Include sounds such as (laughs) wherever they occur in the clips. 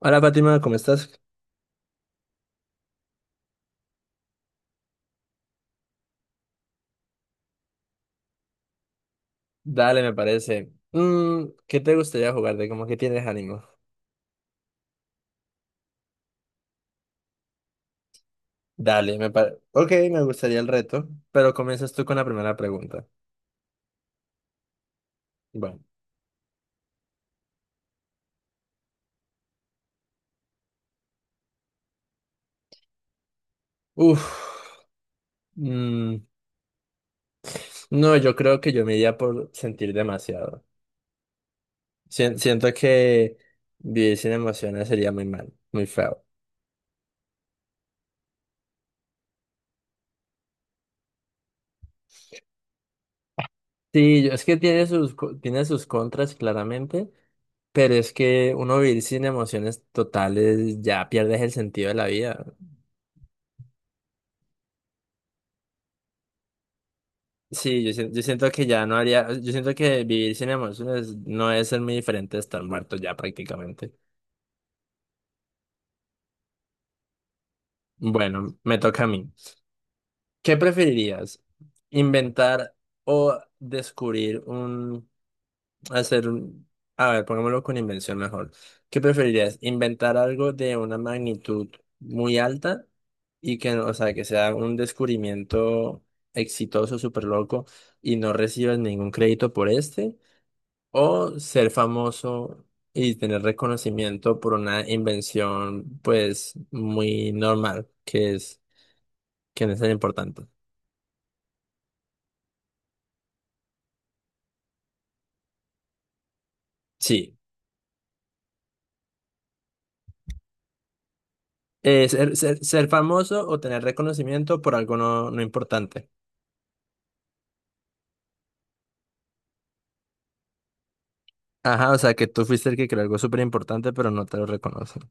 Hola Fátima, ¿cómo estás? Dale, me parece. ¿Qué te gustaría jugar? De como que tienes ánimo. Dale, me parece. Ok, me gustaría el reto, pero comienzas tú con la primera pregunta. Bueno. Uf. mm, no, yo creo que yo me iría por sentir demasiado. Siento que vivir sin emociones sería muy mal, muy feo. Sí, es que tiene tiene sus contras, claramente, pero es que uno vivir sin emociones totales ya pierdes el sentido de la vida. Sí, yo, yo siento que ya no haría, yo siento que vivir sin emociones no es ser muy diferente de estar muerto ya prácticamente. Bueno, me toca a mí. ¿Qué preferirías? ¿Inventar o descubrir un, hacer un, a ver, pongámoslo con invención mejor. ¿Qué preferirías? ¿Inventar algo de una magnitud muy alta y que, o sea, que sea un descubrimiento exitoso, súper loco y no recibas ningún crédito por este? ¿O ser famoso y tener reconocimiento por una invención, pues, muy normal, que no es tan importante? Sí. Ser famoso o tener reconocimiento por algo no importante. Ajá, o sea, que tú fuiste el que creó algo súper importante, pero no te lo reconocen.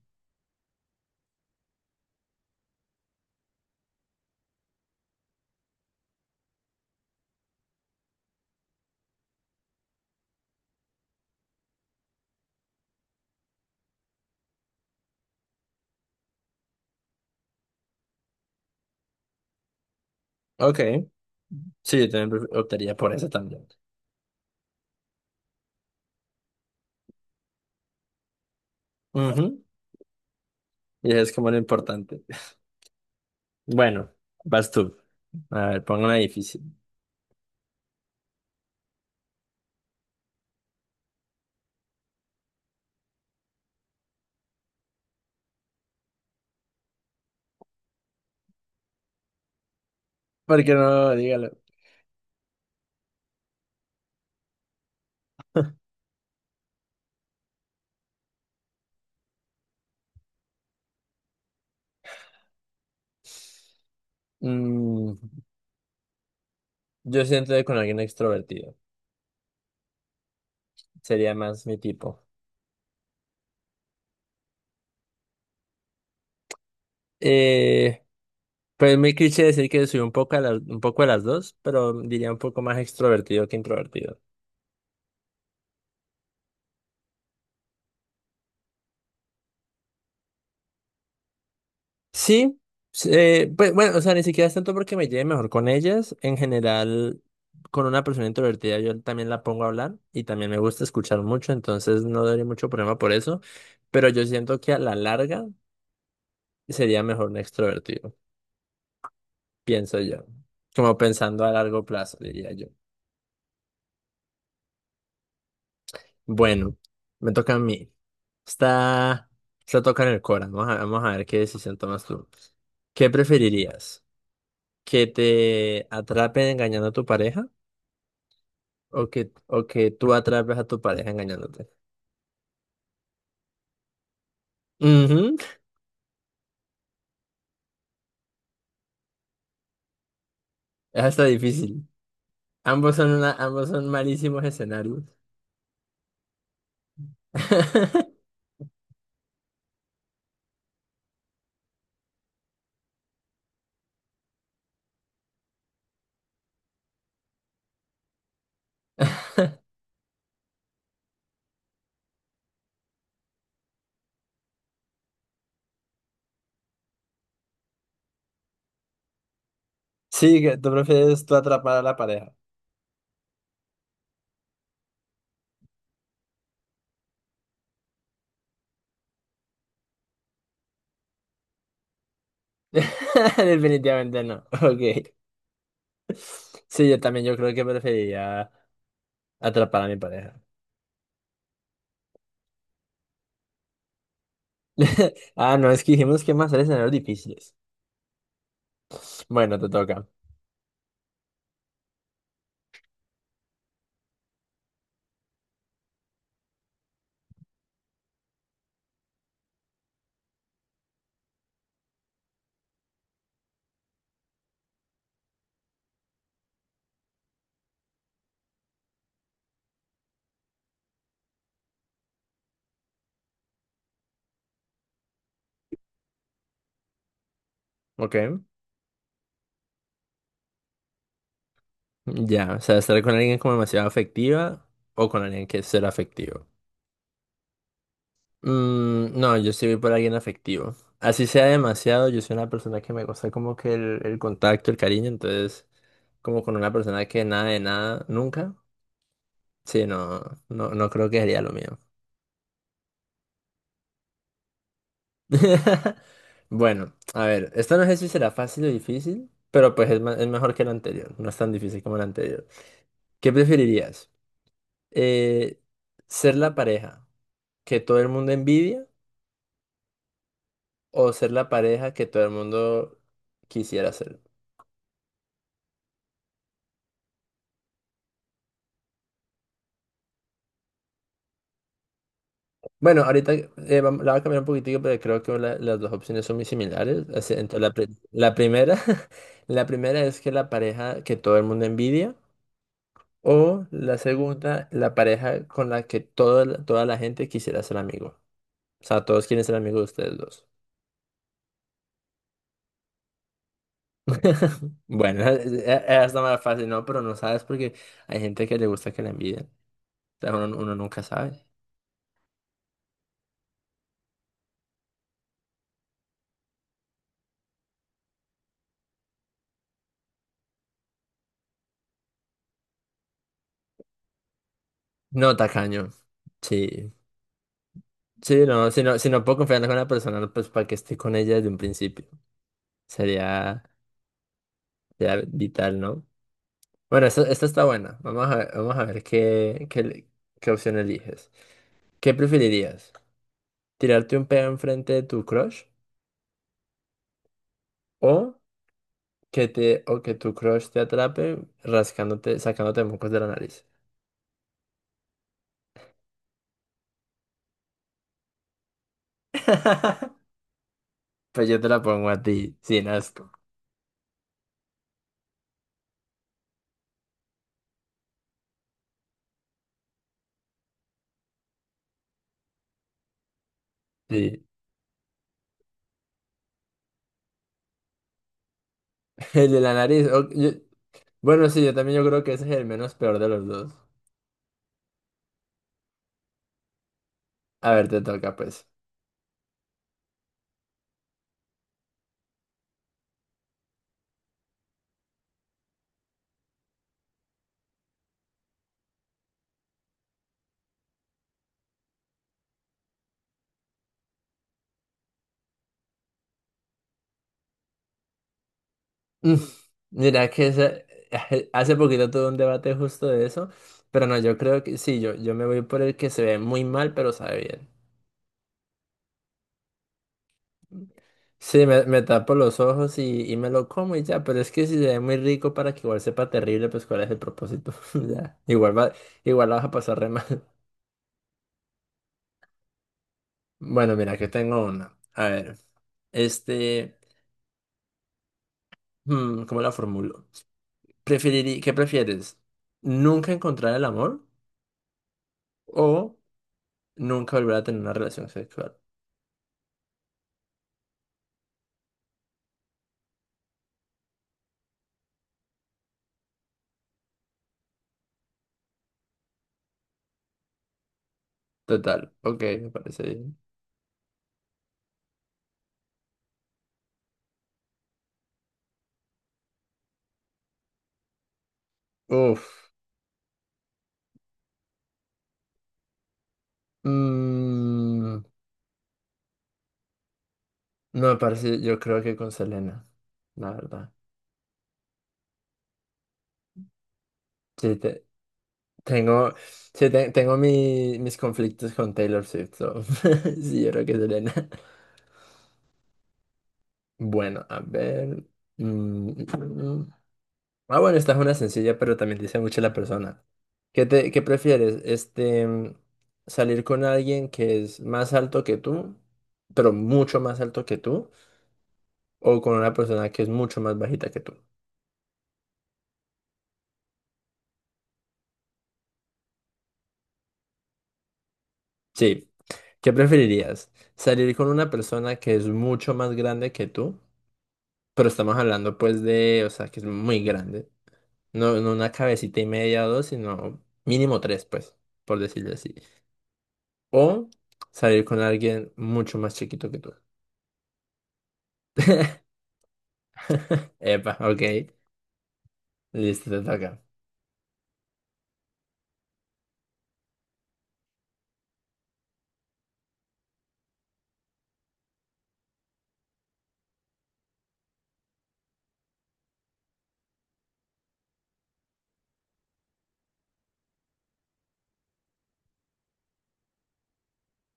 Ok. Sí, yo también optaría por eso también. Ujú. Y es como lo importante. (laughs) Bueno, vas tú. A ver, pongo una difícil. Porque no, dígalo. Mm. Yo siento que con alguien extrovertido. Sería más mi tipo. Eh, pues es muy cliché decir que soy un poco a las, un poco de las dos, pero diría un poco más extrovertido que introvertido. Sí, s- pues bueno, o sea, ni siquiera es tanto porque me lleve mejor con ellas. En general, con una persona introvertida yo también la pongo a hablar y también me gusta escuchar mucho, entonces no daría mucho problema por eso. Pero yo siento que a la larga sería mejor un extrovertido, pienso yo. Como pensando a largo plazo, diría yo. Bueno, me toca a mí. Está, está toca en el Cora. Vamos a ver qué decisión tomas tú. ¿Qué preferirías? ¿Que te atrapen engañando a tu pareja? ¿O que tú atrapes a tu pareja engañándote? Ujú. Es hasta difícil. Ambos son malísimos escenarios. (laughs) Sí, que tú prefieres tú atrapar a la pareja. (laughs) Definitivamente no. Ok. Sí, yo también yo creo que preferiría atrapar a mi pareja. (laughs) Ah, no, es que dijimos que más hacer escenarios difíciles. Bueno, te toca. Ok. Ya, o sea, estar con alguien como demasiado afectiva o con alguien que es ser afectivo. Mm, no, yo sí voy por alguien afectivo. Así sea demasiado, yo soy una persona que me gusta como que el contacto, el cariño, entonces como con una persona que nada de nada, nunca. Sí, no, no creo que sería lo mío. (laughs) Bueno, a ver, esta no sé si será fácil o difícil, pero pues es mejor que la anterior, no es tan difícil como la anterior. ¿Qué preferirías? Eh, ¿Ser la pareja que todo el mundo envidia o ser la pareja que todo el mundo quisiera ser? Bueno, ahorita la voy a cambiar un poquitico, pero creo que las dos opciones son muy similares. Así, entonces, la primera, (laughs) la primera es que la pareja que todo el mundo envidia o la segunda, la pareja con la que toda la gente quisiera ser amigo. O sea, todos quieren ser amigos de ustedes dos. (laughs) Bueno, está más fácil, ¿no? Pero no sabes porque hay gente que le gusta que la envidien. O sea, uno nunca sabe. No, tacaño. Sí. Sí, no, si no puedo confiar en una persona, pues para que esté con ella desde un principio. Sería, sería vital, ¿no? Bueno, esta está buena. Vamos a ver qué opción eliges. ¿Qué preferirías? ¿Tirarte un pedo enfrente de tu crush? ¿O ¿o que tu crush te atrape rascándote, sacándote mocos de la nariz? (laughs) Pues yo te la pongo a ti, sin asco. Sí. (laughs) El de la nariz. Bueno, sí, yo también yo creo que ese es el menos peor de los dos. A ver, te toca, pues. (laughs) Mm, Mira que ese- (laughs) hace poquito tuve un debate justo de eso, pero no, yo creo que sí, yo me voy por el que se ve muy mal, pero sabe bien. Sí, me tapo los ojos y me lo como y ya, pero es que si se ve muy rico para que igual sepa terrible, pues cuál es el propósito. (laughs) Ya, igual va, igual la vas a pasar re mal. Bueno, mira, que tengo una. A ver, este, ¿cómo la formulo? ¿Qué prefieres? ¿Nunca encontrar el amor o nunca volver a tener una relación sexual? Total, ok, me parece bien. Uf, mm, no me parece, yo creo que con Selena, la verdad. Sí, tengo, tengo mis conflictos con Taylor Swift, so, (laughs) sí, yo creo que Selena. Bueno, a ver. mm, Ah, bueno, esta es una sencilla, pero también dice mucho la persona. ¿Qué prefieres? Salir con alguien que es más alto que tú, pero mucho más alto que tú, o con una persona que es mucho más bajita que tú. Sí. ¿Qué preferirías? ¿Salir con una persona que es mucho más grande que tú? Pero estamos hablando pues de, o sea, que es muy grande. No, no una cabecita y media o dos, sino mínimo tres, pues, por decirlo así. O salir con alguien mucho más chiquito que tú. (laughs) Epa, ok. Listo, te toca.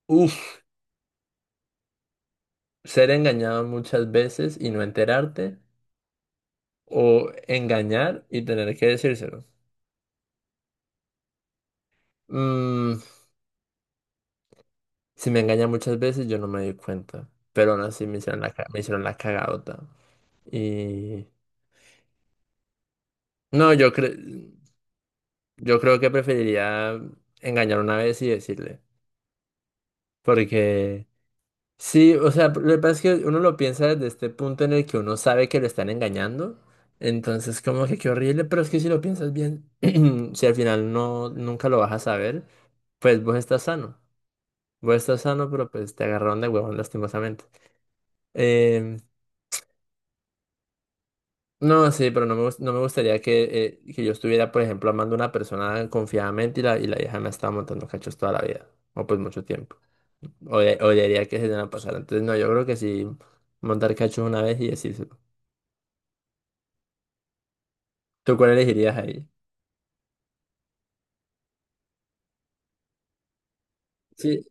Uf, ser engañado muchas veces y no enterarte. O engañar y tener que decírselo. Mm, si me engaña muchas veces, yo no me di cuenta. Pero aún así me hicieron me hicieron la cagadota. Y. No, yo, yo creo que preferiría engañar una vez y decirle. Porque. Sí, o sea, lo que pasa es que uno lo piensa desde este punto en el que uno sabe que lo están engañando, entonces como que qué horrible, pero es que si lo piensas bien, (clears throat) si al final no, nunca lo vas a saber, pues vos estás sano, pero pues te agarraron de huevón lastimosamente. Em, no, sí, pero no me gustaría que yo estuviera, por ejemplo, amando a una persona confiadamente y y la vieja me estaba montando cachos toda la vida, o pues mucho tiempo, o odiaría que se dieran a pasar, entonces no, yo creo que sí, montar cachos una vez y decírselo. ¿Tú cuál elegirías ahí? Sí,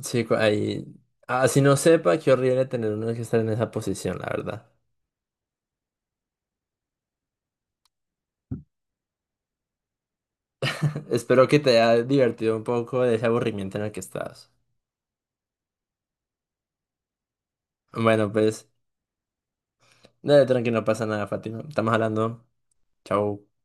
chico, ahí. Así no sepa, qué horrible tener uno que estar en esa posición, la verdad. (laughs) Espero que te haya divertido un poco de ese aburrimiento en el que estás. Bueno, pues, dale, tranqui, no pasa nada, Fátima. Estamos hablando. Chao.